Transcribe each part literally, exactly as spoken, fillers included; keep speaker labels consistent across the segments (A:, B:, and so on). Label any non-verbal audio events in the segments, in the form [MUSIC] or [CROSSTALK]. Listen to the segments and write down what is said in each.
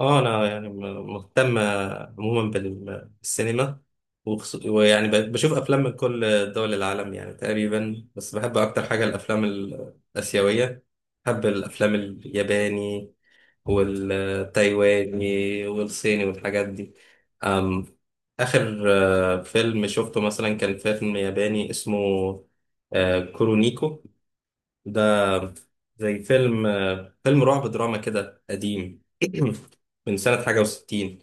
A: اه، انا يعني م- مهتم عموما بال- بالسينما، وخص- ويعني ب- بشوف افلام من كل دول العالم يعني تقريبا، بس بحب اكتر حاجه الافلام الاسيويه. بحب الافلام الياباني والتايواني والصيني والحاجات دي. أم اخر آه، فيلم شفته مثلا كان فيلم ياباني اسمه آه، كورونيكو ده. زي فيلم آه، فيلم رعب دراما كده قديم [CLEARS THROAT] من سنة حاجة وستين.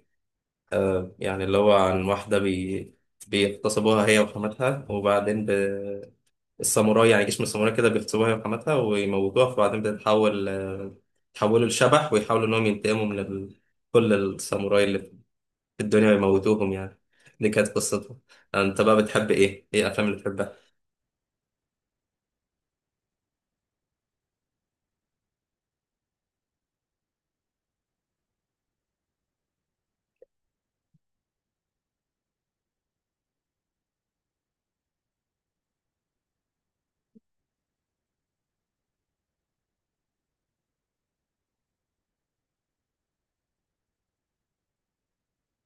A: آه، يعني اللي هو عن واحدة بي... بيغتصبوها هي وحماتها، وبعدين ب... الساموراي، يعني جيش من الساموراي كده بيغتصبوها هي وحماتها ويموتوها. فبعدين بتتحول آه، يتحولوا لشبح ويحاولوا إنهم ينتقموا من ال... كل الساموراي اللي في الدنيا ويموتوهم يعني. دي كانت قصته. أنت بقى بتحب إيه؟ إيه الأفلام اللي بتحبها؟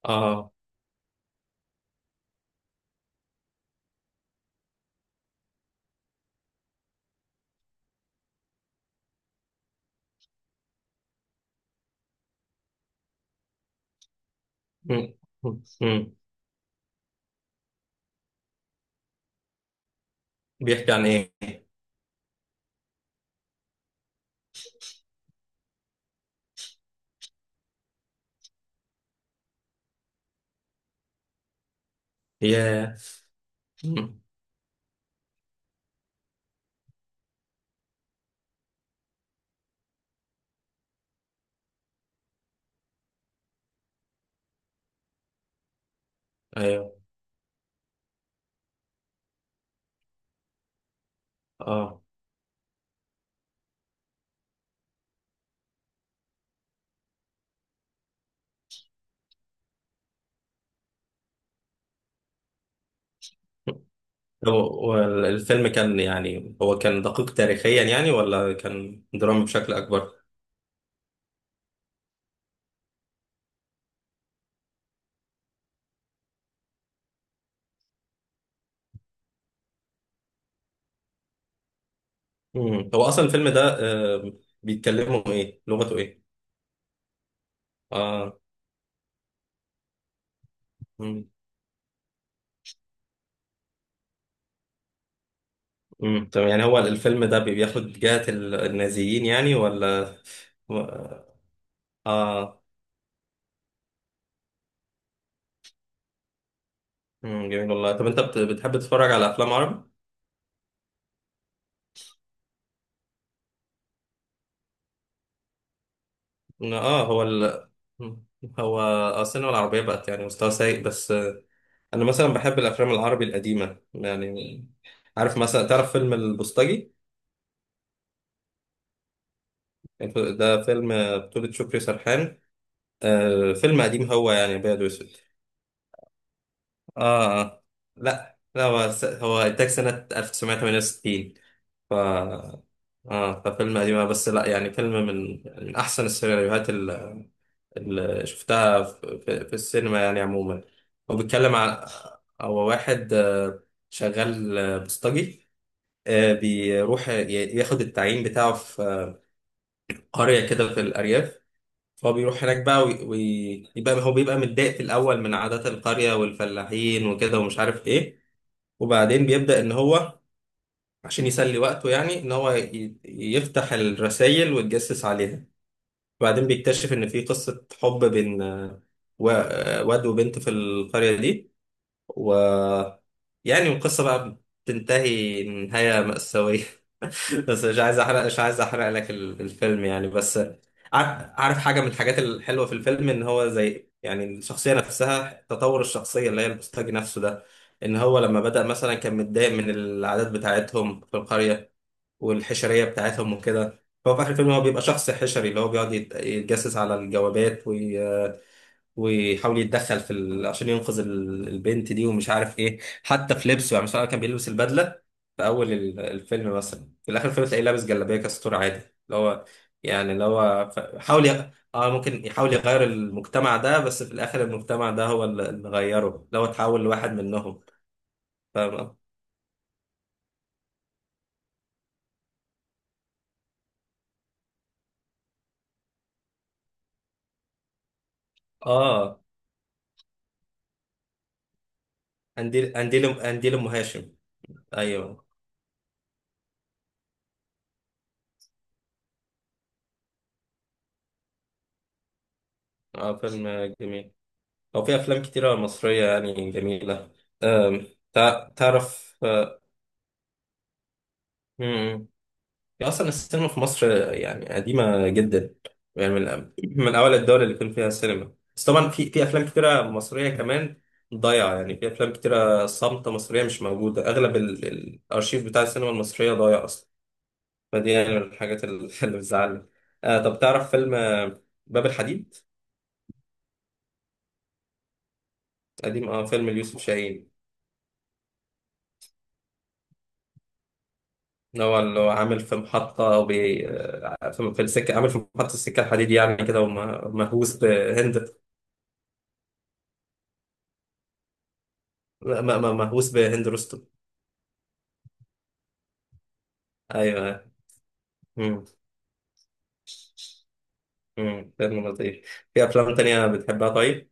A: آه. م- م- م. بيحكي عن إيه؟ ياه. مم. ايوه. اه. طب والفيلم كان، يعني هو كان دقيق تاريخيا يعني، ولا كان درامي بشكل اكبر؟ مم. هو اصلا الفيلم ده آه، بيتكلموا ايه، لغته ايه؟ اه. مم. مم. طب يعني هو الفيلم ده بي- بياخد جهة ال- النازيين يعني، ولا؟ و- اه. مم. جميل والله. طب انت بت- بتحب تتفرج على افلام عربي؟ اه. هو ال... مم. هو السينما العربية بقت يعني مستوى سيء بس. انا مثلا بحب الافلام العربي القديمه يعني. عارف، مثلا تعرف فيلم البوسطجي؟ ده فيلم بطولة شكري سرحان. آه، فيلم قديم هو يعني ابيض واسود. اه. آه. لا، لا هو س- هو انتاج سنه تسعتاشر تمانية وستين. ف اه. ففيلم قديم، بس لا يعني فيلم من من احسن السيناريوهات اللي, اللي شفتها في, في, في السينما يعني عموما. هو بيتكلم عن، هو واحد آه، شغال آه، بوسطجي. آه، بيروح ي- ياخد التعيين بتاعه في آه، قرية كده في الأرياف. فهو بيروح هناك بقى وي- ويبقى هو بيبقى متضايق في الأول من عادات القرية والفلاحين وكده ومش عارف إيه. وبعدين بيبدأ إن هو، عشان يسلي وقته يعني، إن هو ي- يفتح الرسايل ويتجسس عليها. وبعدين بيكتشف إن في قصة حب بين آه، و- آه، واد وبنت في القرية دي. ويعني القصة بقى بتنتهي نهاية مأساوية. بس مش عايز احرق مش عايز احرق لك ال- الفيلم يعني بس. عار- عارف حاجه من الحاجات الحلوه في الفيلم ان هو زي يعني الشخصيه نفسها، تطور الشخصيه اللي هي البوستاجي نفسه ده. ان هو لما بدأ مثلا كان متضايق من العادات بتاعتهم في القريه والحشريه بتاعتهم وكده، فهو في اخر الفيلم هو بيبقى شخص حشري اللي هو بيقعد يت- يتجسس على الجوابات. ويحاول يتدخل في ال... عشان ينقذ ال- البنت دي ومش عارف ايه. حتى في لبسه يعني، مثلا كان بيلبس البدله في اول ال- الفيلم، مثلا في الاخر الفيلم تلاقيه لابس جلابيه كاستور عادي اللي هو يعني اللي هو ف- حاول يغ... اه ممكن يحاول يغير المجتمع ده، بس في الاخر المجتمع ده هو اللي اللي غيره، اللي هو اتحول لواحد منهم. فاهم. اه. انديل انديل انديل ام هاشم. ايوه. اه، فيلم جميل. هو في افلام كتيره مصريه يعني جميله. أم، تع- تعرف آه، امم هي اصلا السينما في مصر يعني قديمه جدا. يعني من الأ- من اول الدول اللي كان فيها سينما، بس طبعا في في افلام كتيره مصريه كمان ضايعه. يعني في افلام كتيره صامته مصريه مش موجوده. اغلب ال... ال- الارشيف بتاع السينما المصريه ضايع اصلا. فدي يعني من الحاجات ال- [LAUGHS] اللي بتزعلني. آه، طب تعرف فيلم آه، باب الحديد؟ قديم، اه، فيلم ليوسف شاهين. اللي هو اللي هو عامل في محطة، وبي... آه، في في السكة. عامل في محطة السكة الحديد يعني كده، ومهووس بهند. لا، ما ما مهووس بهند رستم. ايوه. امم امم فيلم لطيف. في افلام تانية بتحبها طيب؟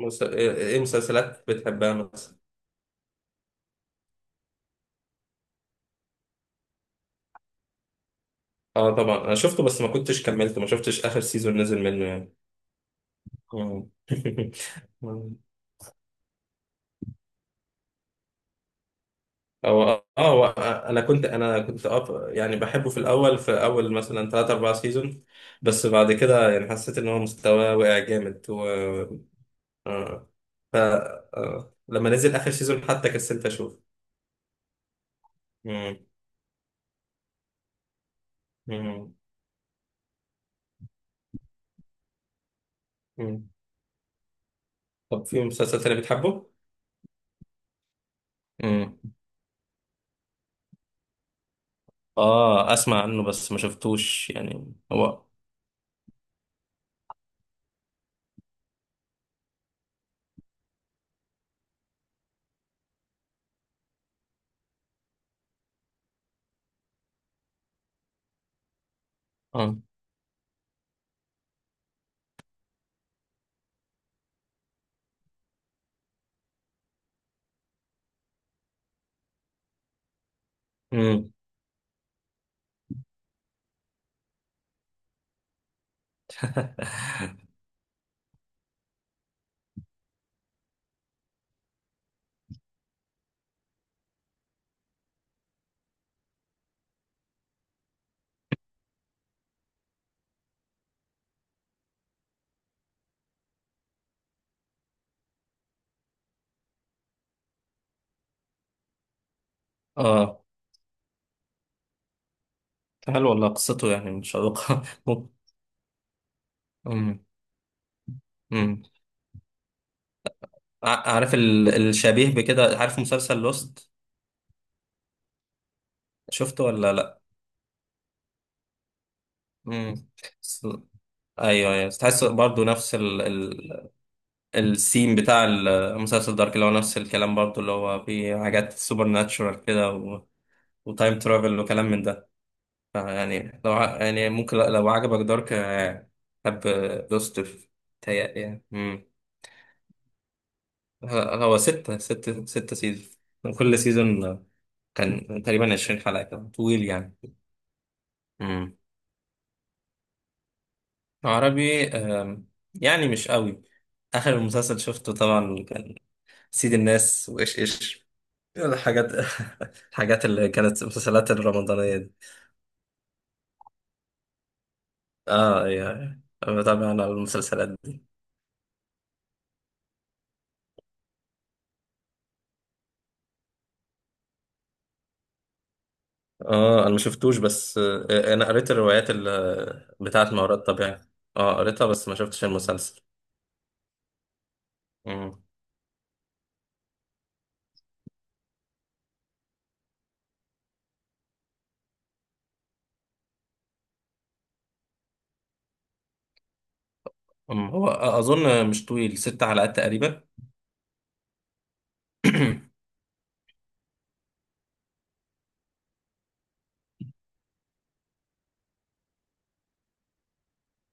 A: مس... ايه إيه مسلسلات بتحبها مثلا؟ اه طبعا انا شفته، بس ما كنتش كملته، ما شفتش اخر سيزون نزل منه يعني. مم. [LAUGHS] هو اه هو انا كنت انا كنت اه يعني بحبه في الاول، في اول مثلا تلاتة اربعة سيزون، بس بعد كده يعني حسيت ان هو مستواه وقع جامد و... آه. ف آه. لما نزل اخر سيزون حتى كسلت اشوف. مم. مم. مم. طب في مسلسل تاني بتحبه؟ مم. اه، اسمع عنه بس ما شفتوش يعني هو. اه. مم. [LAUGHS] اه، حلو والله قصته يعني مشوقة. [LAUGHS] مم. مم. ع- عارف ال... الشبيه بكده. عارف مسلسل لوست؟ شفته ولا لا؟ مم. س- ايوه، ايوه، تحس برضو نفس ال... ال... السيم بتاع المسلسل دارك اللي هو نفس الكلام برضو، اللي هو في حاجات سوبر ناتشورال كده، و... وتايم ترافل وكلام من ده. فيعني لو ع- يعني ممكن لو عجبك دارك، آه، حب لوستر. تهيألي يعني. مم. ه- هو ستة ستة ستة سيزون. كل سيزون كان تقريبا عشرين حلقة، كان طويل يعني. مم. عربي، آم، يعني مش قوي. آخر مسلسل شفته طبعا كان سيد الناس وإيش إيش، الحاجات [LAUGHS] الحاجات اللي كانت المسلسلات الرمضانية دي. اه يعني، بتابع أنا المسلسلات. اه انا ما شفتوش، بس آه، انا قريت الروايات ال- بتاعت ما وراء الطبيعة. اه قريتها بس ما شفتش المسلسل. مم. أم، هو اظن مش طويل، ست حلقات تقريبا.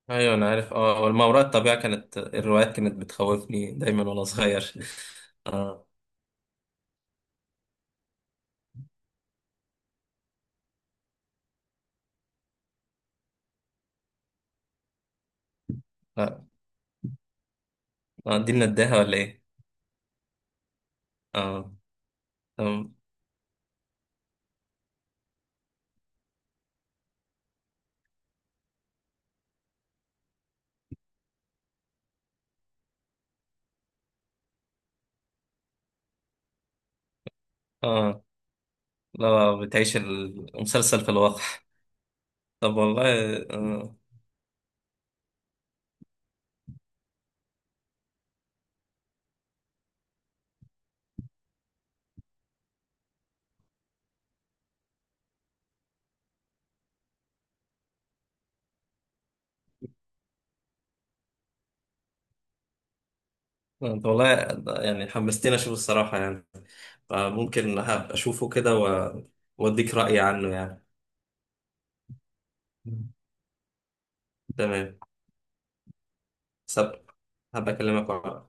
A: ايوه انا عارف اه، والما وراء الطبيعة كانت الروايات كانت بتخوفني دايما وانا صغير. [LAUGHS] اه. لا. آه، دي نداها ولا ايه؟ اه. تمام. اه، لا بتعيش المسلسل في الواقع. طب والله. آه. آه، طب والله يعني حمستني اشوف الصراحة يعني. فممكن هبقى اشوفه كده و- واديك رأيي عنه يعني. تمام. سب هبقى اكلمك.